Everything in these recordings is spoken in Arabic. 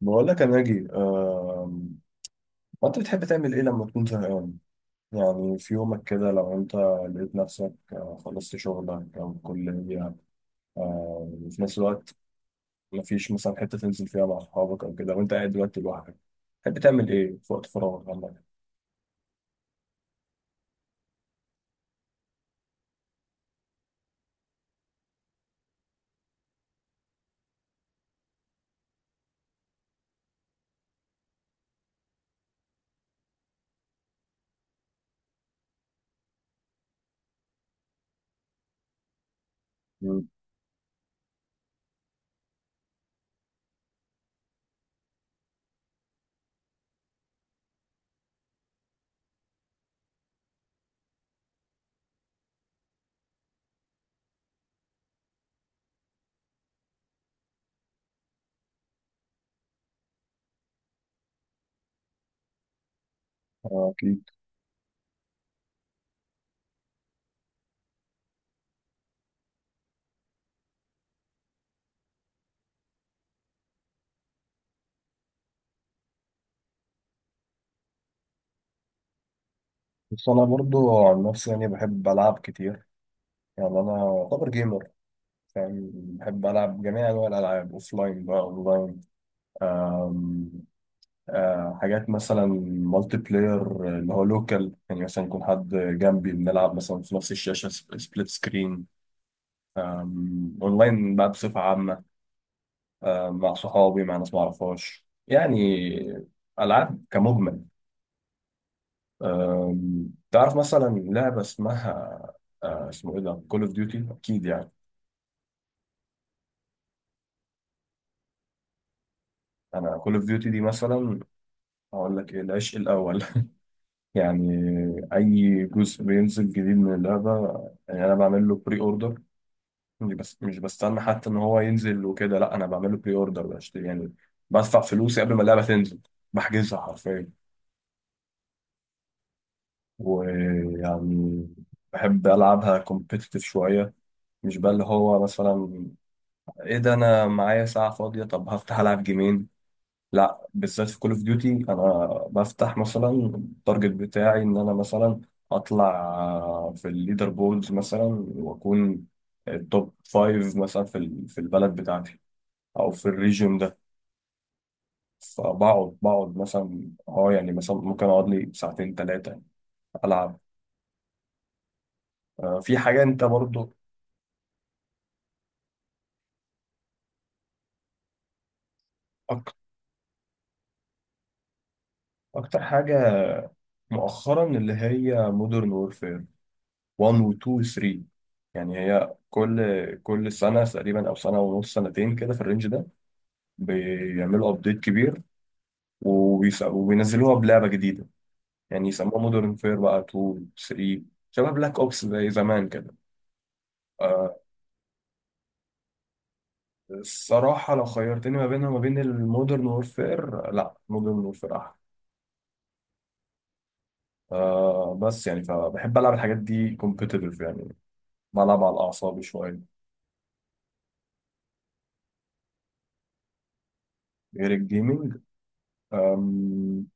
بقول لك يا ناجي، انت بتحب تعمل ايه لما تكون زهقان؟ يعني في يومك كده، لو انت لقيت نفسك خلصت شغلك او الكلية، وفي نفس الوقت مفيش مثلا حتة تنزل فيها مع اصحابك او كده، وانت قاعد دلوقتي لوحدك، تحب تعمل ايه في وقت فراغك عندك؟ مم. اكيد. بس انا برضو عن نفسي يعني بحب العب كتير، يعني انا اعتبر جيمر. يعني بحب العب جميع انواع الالعاب، اوفلاين بقى، اونلاين. حاجات مثلا مالتي بلاير اللي هو لوكال، يعني مثلا يكون حد جنبي بنلعب مثلا في نفس الشاشة، سبليت سكرين. اونلاين بقى بصفة عامة، مع صحابي، مع ناس ما اعرفهاش يعني. ألعاب كمجمل. تعرف مثلا لعبة اسمه ايه ده، كول اوف ديوتي، اكيد يعني. انا كول اوف ديوتي دي مثلا هقول لك ايه، العشق الاول. يعني اي جزء بينزل جديد من اللعبة، يعني انا بعمل له بري اوردر. مش بستنى حتى ان هو ينزل وكده، لا انا بعمله بري اوردر، بشتري يعني، بدفع فلوسي قبل ما اللعبه تنزل، بحجزها حرفيا. ويعني بحب العبها كومبيتيتيف شويه، مش بقى اللي هو مثلا ايه ده، انا معايا ساعه فاضيه طب هفتح العب جيمين. لا، بالذات في كول اوف ديوتي انا بفتح مثلا التارجت بتاعي ان انا مثلا اطلع في الليدر بوردز مثلا، واكون التوب فايف مثلا في في البلد بتاعتي، او في الريجن. فبقعد مثلا، اه يعني مثلا ممكن اقعد لي ساعتين ثلاثة العب. في حاجة انت برضو أك... اكتر حاجة مؤخرا اللي هي مودرن وورفير 1 و 2 و 3. يعني هي كل سنة تقريبا او سنة ونص سنتين كده في الرينج ده بيعملوا ابديت كبير، وبينزلوها بلعبة جديدة، يعني يسموها مودرن فير بقى 2 3، شبه بلاك اوبس زي زمان كده. آه، الصراحة لو خيرتني ما بينها وما بين المودرن وورفير، لا مودرن وورفير أحلى. بس يعني فبحب ألعب الحاجات دي كومبيتيتيف يعني، بلعب على الأعصاب شوية. غير الجيمنج، آم،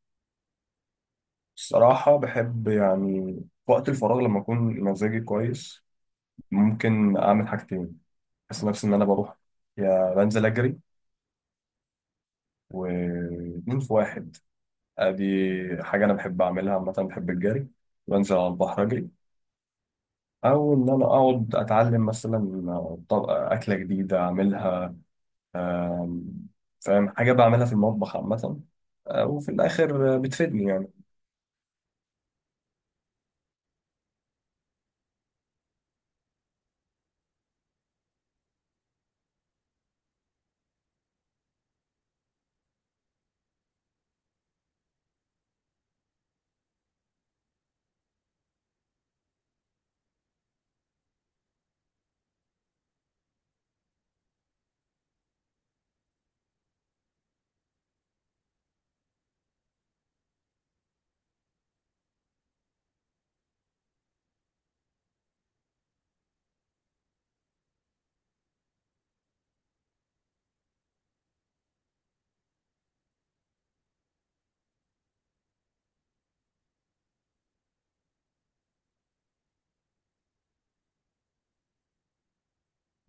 الصراحة بحب يعني وقت الفراغ لما أكون مزاجي كويس ممكن أعمل حاجتين. بحس نفسي إن أنا بروح يا بنزل أجري، واتنين في واحد. أدي حاجة أنا بحب أعملها عامة، بحب الجري، بنزل على البحر أجري. أو إن أنا أقعد أتعلم مثلا طبق أكلة جديدة أعملها، فاهم؟ حاجة بعملها في المطبخ عامة، وفي الآخر بتفيدني يعني.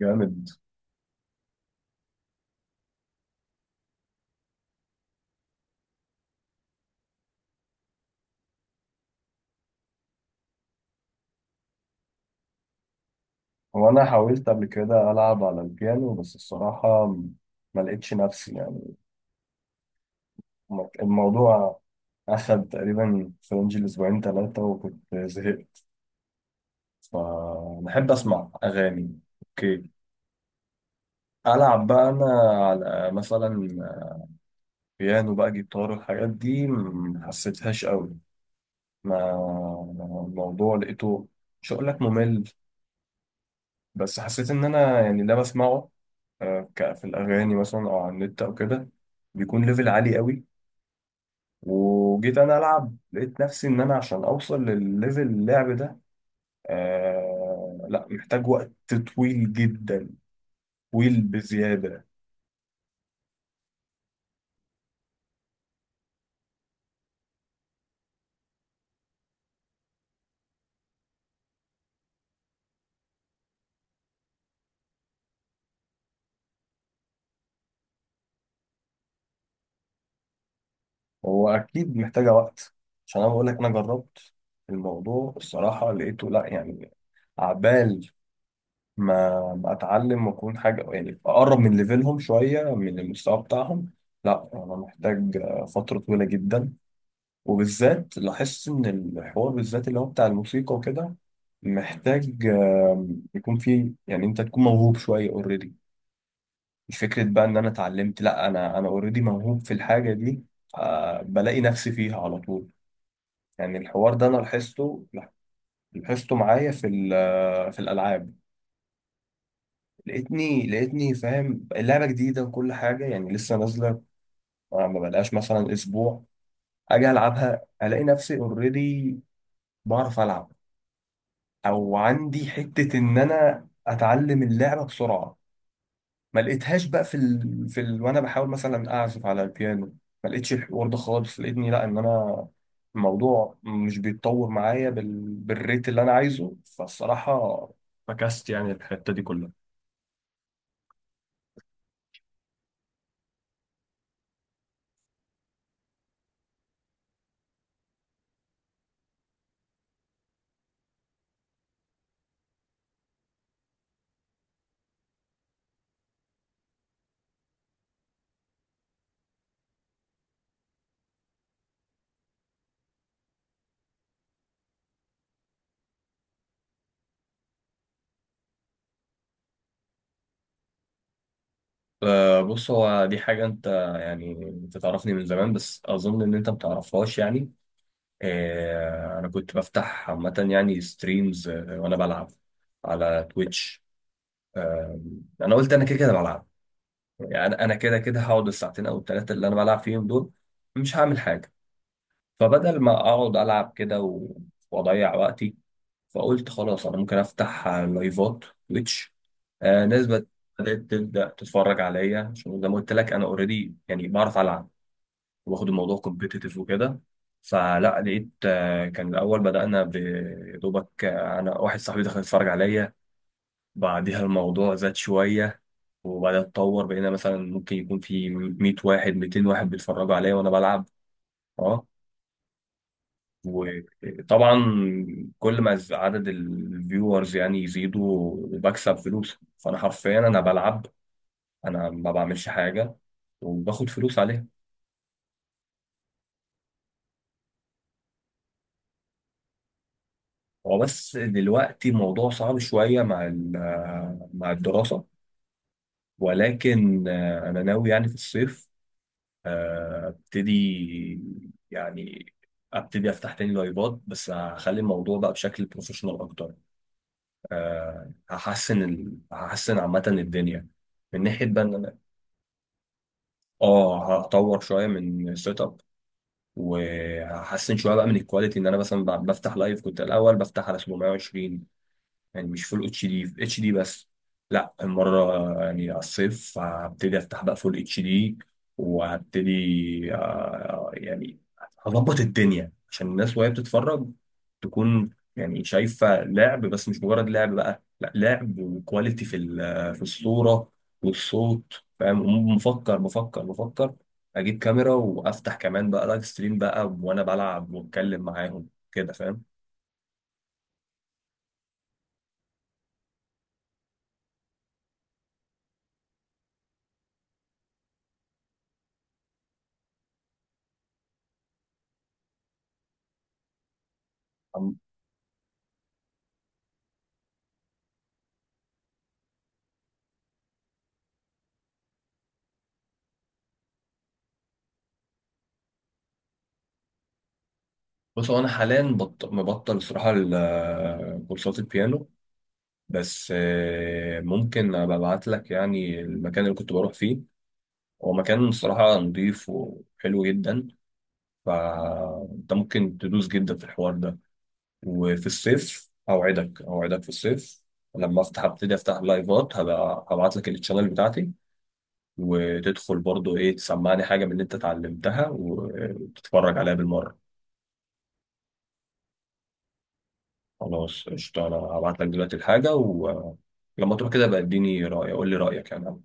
جامد. هو أنا حاولت قبل كده ألعب على البيانو، بس الصراحة ما لقيتش نفسي يعني. الموضوع أخد تقريبا في رينج الأسبوعين ثلاثة وكنت زهقت. فبحب أسمع أغاني، أوكي، ألعب بقى أنا على مثلا بيانو بقى، جيتار، والحاجات دي ما حسيتهاش قوي. ما الموضوع لقيته، مش هقول لك ممل، بس حسيت ان انا يعني ده بسمعه في الاغاني مثلا، او على النت او كده، بيكون ليفل عالي قوي، وجيت انا العب لقيت نفسي ان انا عشان اوصل للليفل اللعب ده، لا، محتاج وقت طويل جدا، طويل بزياده. هو اكيد محتاجه وقت، عشان انا بقول لك انا جربت الموضوع، الصراحه لقيته، لا يعني عبال ما اتعلم واكون حاجه، يعني اقرب من ليفلهم شويه، من المستوى بتاعهم، لا انا محتاج فتره طويله جدا. وبالذات لاحظت ان الحوار بالذات اللي هو بتاع الموسيقى وكده محتاج يكون فيه يعني انت تكون موهوب شويه اوريدي، مش فكره بقى ان انا اتعلمت، لا انا اوريدي موهوب في الحاجه دي، بلاقي نفسي فيها على طول. يعني الحوار ده انا لاحظته، معايا في في الالعاب. لقيتني فاهم اللعبة جديدة وكل حاجة، يعني لسه نازلة، ما بقالهاش مثلا أسبوع، أجي ألعبها ألاقي نفسي أوريدي بعرف ألعب، أو عندي حتة إن أنا أتعلم اللعبة بسرعة. ما لقيتهاش بقى وأنا بحاول مثلا أعزف على البيانو، ما لقيتش الحوار ده خالص. لقيتني لا إن أنا الموضوع مش بيتطور معايا بالريت اللي أنا عايزه. فالصراحة فكست يعني الحتة دي كلها. بص، هو دي حاجة أنت يعني أنت تعرفني من زمان بس أظن إن أنت متعرفهاش يعني. أنا كنت بفتح عامة يعني ستريمز وأنا بلعب على تويتش. آه، أنا قلت أنا كده كده بلعب، يعني أنا كده كده هقعد الساعتين أو التلاتة اللي أنا بلعب فيهم دول، مش هعمل حاجة، فبدل ما أقعد ألعب كده و- وأضيع وقتي، فقلت خلاص انا ممكن افتح لايفات تويتش. ناس بدات تبدا تتفرج عليا، عشان زي ما قلت لك انا اوريدي يعني بعرف العب، واخد الموضوع كومبيتيتيف وكده. فلا لقيت، كان الاول بدانا يا دوبك، انا واحد صاحبي دخل يتفرج عليا. بعدها الموضوع زاد شويه، وبعدها اتطور بقينا مثلا ممكن يكون في 100 واحد 200 واحد بيتفرجوا عليا وانا بلعب. آه. وطبعا كل ما عدد الفيورز يعني يزيدوا، بكسب فلوس. فانا حرفيا انا بلعب، انا ما بعملش حاجه وباخد فلوس عليها. هو بس دلوقتي الموضوع صعب شويه مع مع الدراسه، ولكن انا ناوي يعني في الصيف ابتدي يعني افتح تاني لايفات، بس هخلي الموضوع بقى بشكل بروفيشنال اكتر. هحسن عامه الدنيا من ناحيه بقى ان انا، اه هطور شويه من السيت اب، وهحسن شويه بقى من الكواليتي ان انا مثلا بفتح لايف. كنت الاول بفتح على 720 يعني مش فول اتش دي، اتش دي بس. لا، المره يعني على الصيف هبتدي افتح بقى فول اتش دي، وهبتدي يعني هظبط الدنيا عشان الناس وهي بتتفرج تكون يعني شايفه لعب، بس مش مجرد لعب بقى، لا لعب وكواليتي في في الصوره والصوت. فاهم؟ مفكر مفكر مفكر اجيب كاميرا وافتح كمان بقى لايف ستريم بقى وانا بلعب واتكلم معاهم كده، فاهم؟ بص، هو انا حاليا مبطل صراحه كورسات البيانو، بس ممكن ابقى ابعت لك يعني المكان اللي كنت بروح فيه. هو مكان صراحه نظيف وحلو جدا، فانت ممكن تدوس جدا في الحوار ده. وفي الصيف اوعدك، اوعدك في الصيف لما افتح، ابتدي افتح لايفات، هبقى هبعت لك الشانل بتاعتي، وتدخل برضو ايه تسمعني حاجه من اللي انت اتعلمتها، وتتفرج عليها بالمره. خلاص قشطة، أنا هبعت لك دلوقتي الحاجة، ولما تروح كده بقى اديني رأي، قول لي رأيك يعني.